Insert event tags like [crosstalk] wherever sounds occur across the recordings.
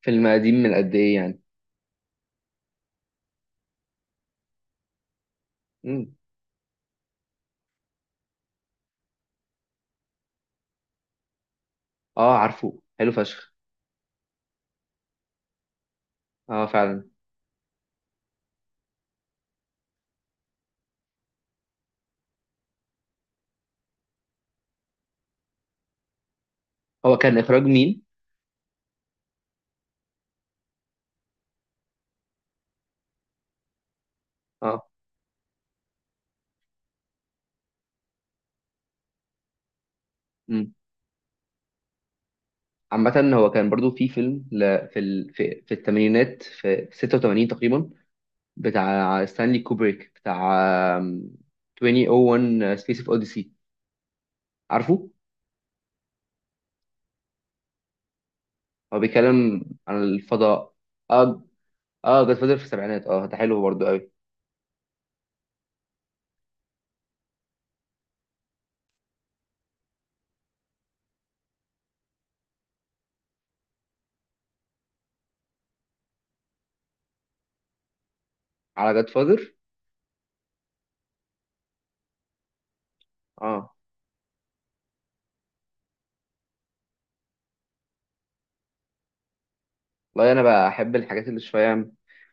فيلم قديم من قد ايه يعني؟ امم اه، عارفه، حلو فشخ. اه، فعلا. هو كان اخراج مين؟ اه. امم عامة، هو كان برضو في فيلم ل... في ال... في, في الثمانينات، في 86 تقريبا، بتاع ستانلي كوبريك، بتاع آم، 2001 سبيس اوف اوديسي، عارفه؟ هو بيتكلم عن الفضاء؟ اه. اه، جاد فاذر في السبعينات، اه ده حلو برضو قوي. على جاد فاذر. اه. والله، انا بحب الحاجات اللي شويه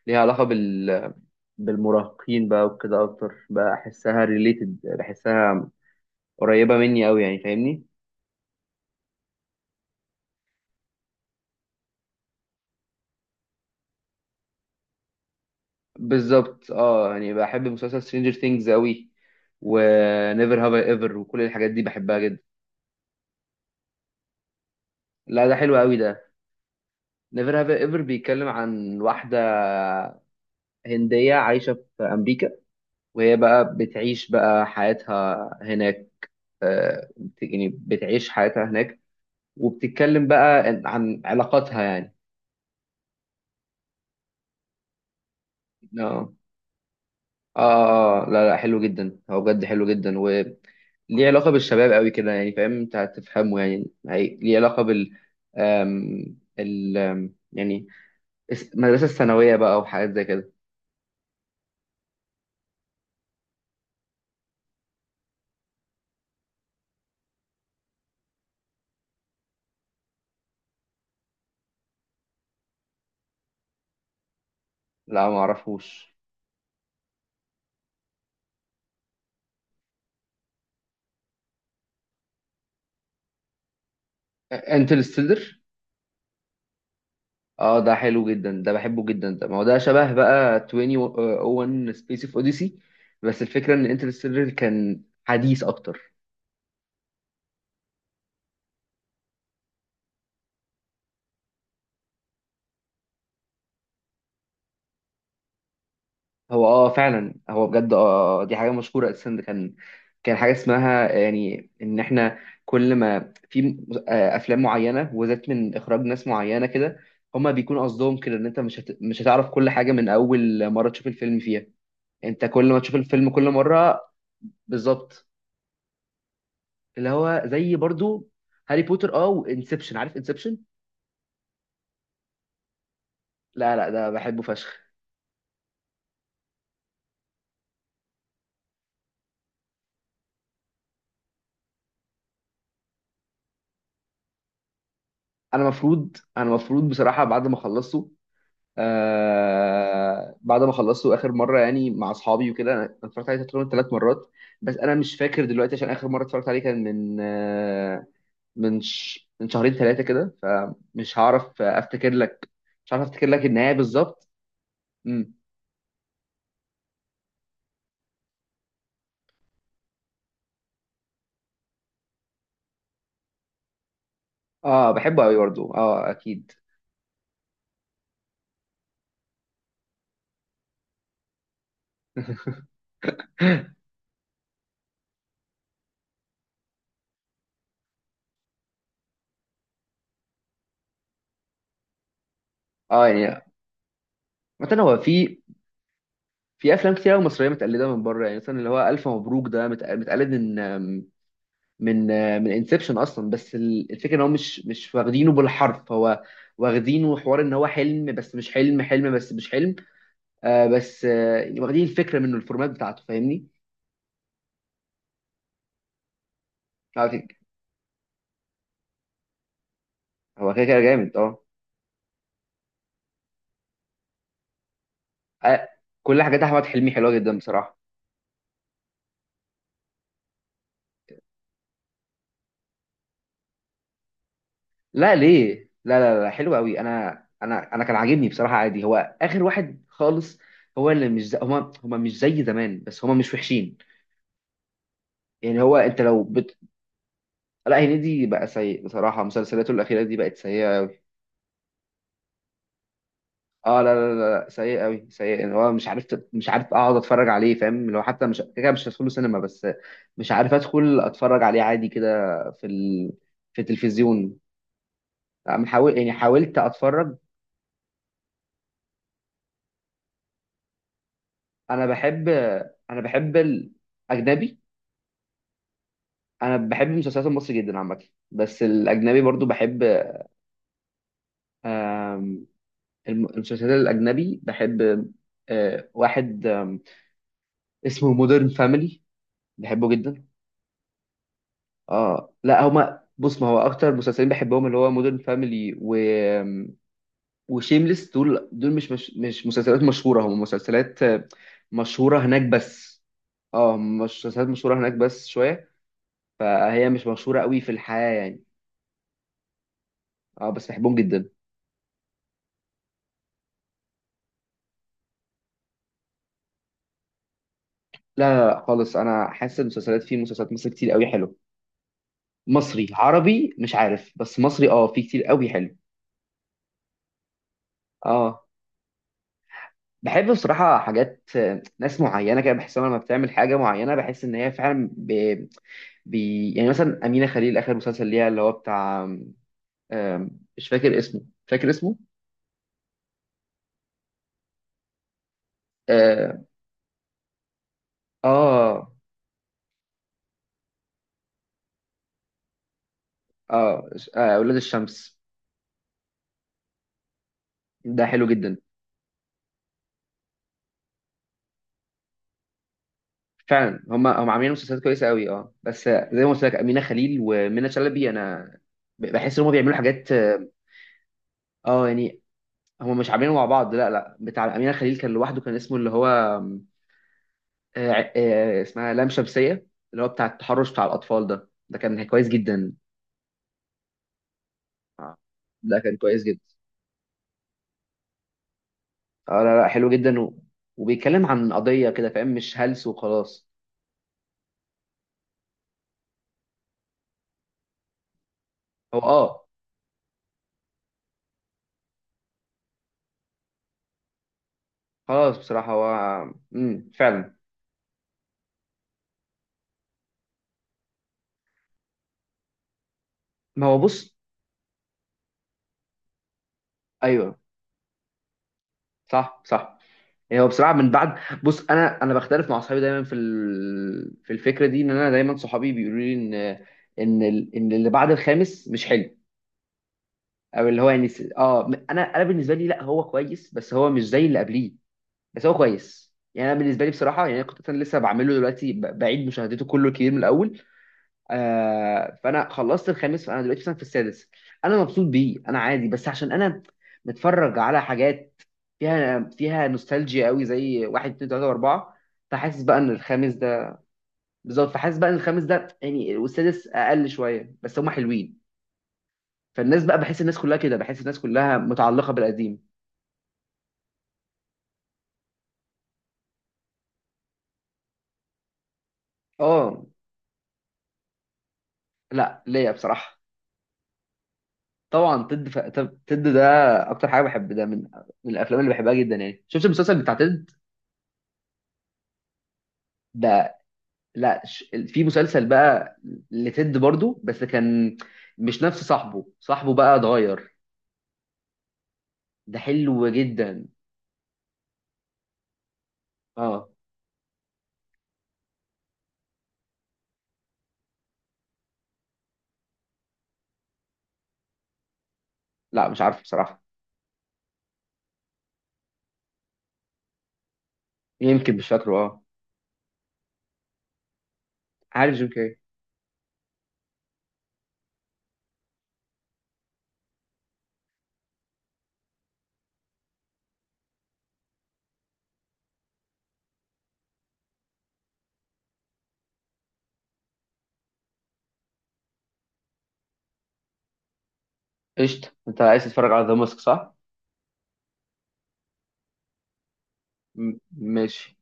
ليها علاقه بالمراهقين بقى وكده اكتر، بقى احسها ريليتد، بحسها قريبه مني قوي، يعني فاهمني؟ بالظبط، اه، يعني بحب مسلسل سترينجر ثينجز قوي، ونيفر هاف ايفر، وكل الحاجات دي بحبها جدا. لا، ده حلو قوي ده. نيفر هاف ايفر بيتكلم عن واحده هنديه عايشه في امريكا، وهي بقى بتعيش بقى حياتها هناك. آه، يعني بتعيش حياتها هناك، وبتتكلم بقى عن علاقاتها، يعني. اه اه اه، لا لا، حلو جدا، هو بجد حلو جدا، وليه علاقة بالشباب قوي كده، يعني فاهم، انت هتفهمه، يعني هي ليه علاقة بال آم... ال آم، يعني المدرسة الثانوية بقى وحاجات زي كده. لا، ما اعرفوش. انترستيلر، اه ده حلو جدا ده، بحبه جدا ده، ما هو ده شبه بقى 2001 سبيس اوف اوديسي، بس الفكرة ان انترستيلر كان حديث اكتر. هو اه فعلا، هو بجد اه، دي حاجه مشهوره اساسا، ده كان كان حاجه اسمها، يعني ان احنا كل ما في افلام معينه وذات من اخراج ناس معينه كده، هما بيكون قصدهم كده ان انت مش هتعرف كل حاجه من اول مره تشوف الفيلم فيها، انت كل ما تشوف الفيلم كل مره. بالظبط، اللي هو زي برضو هاري بوتر، اه، وانسبشن، عارف انسبشن؟ لا لا، ده بحبه فشخ. انا مفروض بصراحه، بعد ما خلصته، بعد ما خلصته اخر مره، يعني مع اصحابي وكده، انا اتفرجت عليه تقريبا 3 مرات. بس انا مش فاكر دلوقتي، عشان اخر مره اتفرجت عليه كان من من 2 3 كده، فمش هعرف افتكر لك، مش هعرف افتكر لك النهايه بالظبط. امم اه، بحبه قوي برضه، اه اكيد. [laughs] اه، يعني مثلا هو في في افلام كتير قوي مصريه متقلده من بره، يعني مثلا اللي هو الف مبروك ده متقلد من من انسبشن اصلا، بس الفكره ان هو مش واخدينه بالحرف، هو واخدينه حوار ان هو حلم بس مش حلم، حلم بس مش حلم، بس يعني واخدين الفكره منه، الفورمات بتاعته، فاهمني؟ على فكرة، هو كده كده جامد اه. آه، كل حاجات احمد حلمي حلوه جدا بصراحه. لا، ليه؟ لا لا لا، حلو قوي، انا كان عاجبني بصراحه، عادي هو اخر واحد خالص، هو اللي مش زي، هما مش زي زمان، بس هما مش وحشين، يعني هو انت لو لا، هنيدي بقى سيء بصراحه، مسلسلاته الاخيره دي بقت سيئه. اه، لا لا لا لا، سيء قوي سيء، اللي هو مش عارف مش عارف اقعد اتفرج عليه، فاهم؟ اللي هو حتى مش كده كده مش هدخله سينما، بس مش عارف ادخل اتفرج عليه عادي كده في ال... في التلفزيون. لا، من حاول، يعني حاولت اتفرج، انا بحب انا بحب الاجنبي، انا بحب المسلسلات المصري جدا عامه، بس الاجنبي برضو بحب. آم، المسلسلات الاجنبي بحب، واحد اسمه مودرن فاميلي، بحبه جدا. اه، لا هما بص، ما هو اكتر مسلسلين بحبهم اللي هو مودرن فاميلي و وشيمليس، دول دول مش مسلسلات مشهوره، هم مسلسلات مشهوره هناك بس، اه مش مسلسلات مشهوره هناك بس شويه، فهي مش مشهوره قوي في الحياه، يعني. اه، بس بحبهم جدا. لا لا لا، خالص، انا حاسس المسلسلات في مسلسلات مصر كتير قوي حلو. مصري، عربي، مش عارف بس مصري اه في كتير قوي حلو. اه، بحب بصراحة حاجات، ناس معينة كده بحس لما بتعمل حاجة معينة، بحس إن هي فعلا يعني مثلا أمينة خليل، آخر مسلسل ليها اللي هو بتاع مش فاكر اسمه، فاكر اسمه؟ آه، آه آه، آه، أولاد الشمس. ده حلو جدا، فعلا هم عاملين مسلسلات كويسة قوي، اه بس زي ما قلت لك أمينة خليل ومنى شلبي. أنا بحس إن هم بيعملوا حاجات، اه. يعني هم مش عاملينه مع بعض، لا لا، بتاع أمينة خليل كان لوحده، كان اسمه اللي هو آم، آه آه، اسمها لام شمسية، اللي هو بتاع التحرش بتاع الأطفال، ده كان كويس جدا. آه، ده كان كويس جدا. اه، لا لا، حلو جدا، و... وبيتكلم عن قضية كده، فاهم؟ مش هلس وخلاص. هو اه، خلاص بصراحة هو، فعلا. ما هو بص، ايوه، صح، صح. يعني هو بصراحة من بعد، بص، انا بختلف مع اصحابي دايما في في الفكرة دي، ان انا دايما صحابي بيقولوا لي ان ان اللي بعد الخامس مش حلو، او اللي هو يعني انا بالنسبة لي، لا هو كويس بس هو مش زي اللي قبليه، بس هو كويس، يعني انا بالنسبة لي بصراحة، يعني أنا كنت انا لسه بعمله دلوقتي، بعيد مشاهدته كله كتير من الاول. فانا خلصت الخامس، فانا دلوقتي مثلا في السادس، انا مبسوط بيه، انا عادي، بس عشان انا متفرج على حاجات فيها نوستالجيا قوي زي واحد اتنين تلاته واربعه، فحاسس بقى ان الخامس ده، بالظبط، فحاسس بقى ان الخامس ده يعني، والسادس اقل شويه، بس هما حلوين، فالناس بقى، بحس الناس كلها كده، بحس الناس كلها متعلقه بالقديم. اه، لا ليا بصراحه. طبعا تد تد ده اكتر حاجه بحب ده من الافلام اللي بحبها جدا، يعني شفت المسلسل بتاع تد ده؟ لا، في مسلسل بقى لتد برضو، بس كان مش نفس صاحبه، صاحبه بقى اتغير، ده حلو جدا. اه، لا مش عارف بصراحة، يمكن مش فاكره، اه. عارف جيم كاري. قشطة، انت عايز تتفرج على ذا ماسك، صح؟ ماشي.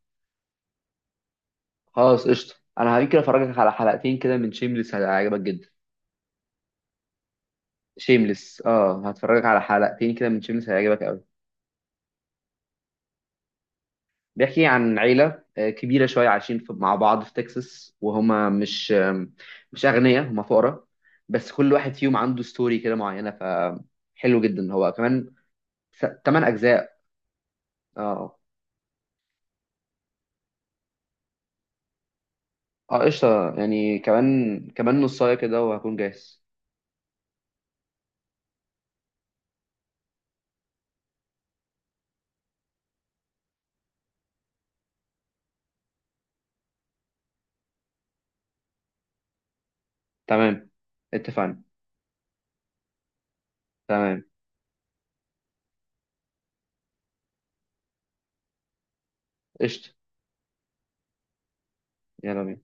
خلاص قشطة، انا هيمكن افرجك على حلقتين كده من شيمليس، هيعجبك جدا. شيمليس، اه، هتفرجك على حلقتين كده من شيمليس هيعجبك قوي. بيحكي عن عيلة كبيرة شوية عايشين مع بعض في تكساس، وهما مش مش أغنياء، هما فقراء، بس كل واحد فيهم عنده ستوري كده معينة، فحلو جدا هو كمان، 8 أجزاء. اه اه، قشطة، يعني كمان كمان نصاية كده وهكون جاهز. تمام، اتفقنا. تمام، قشطة، يلا بينا.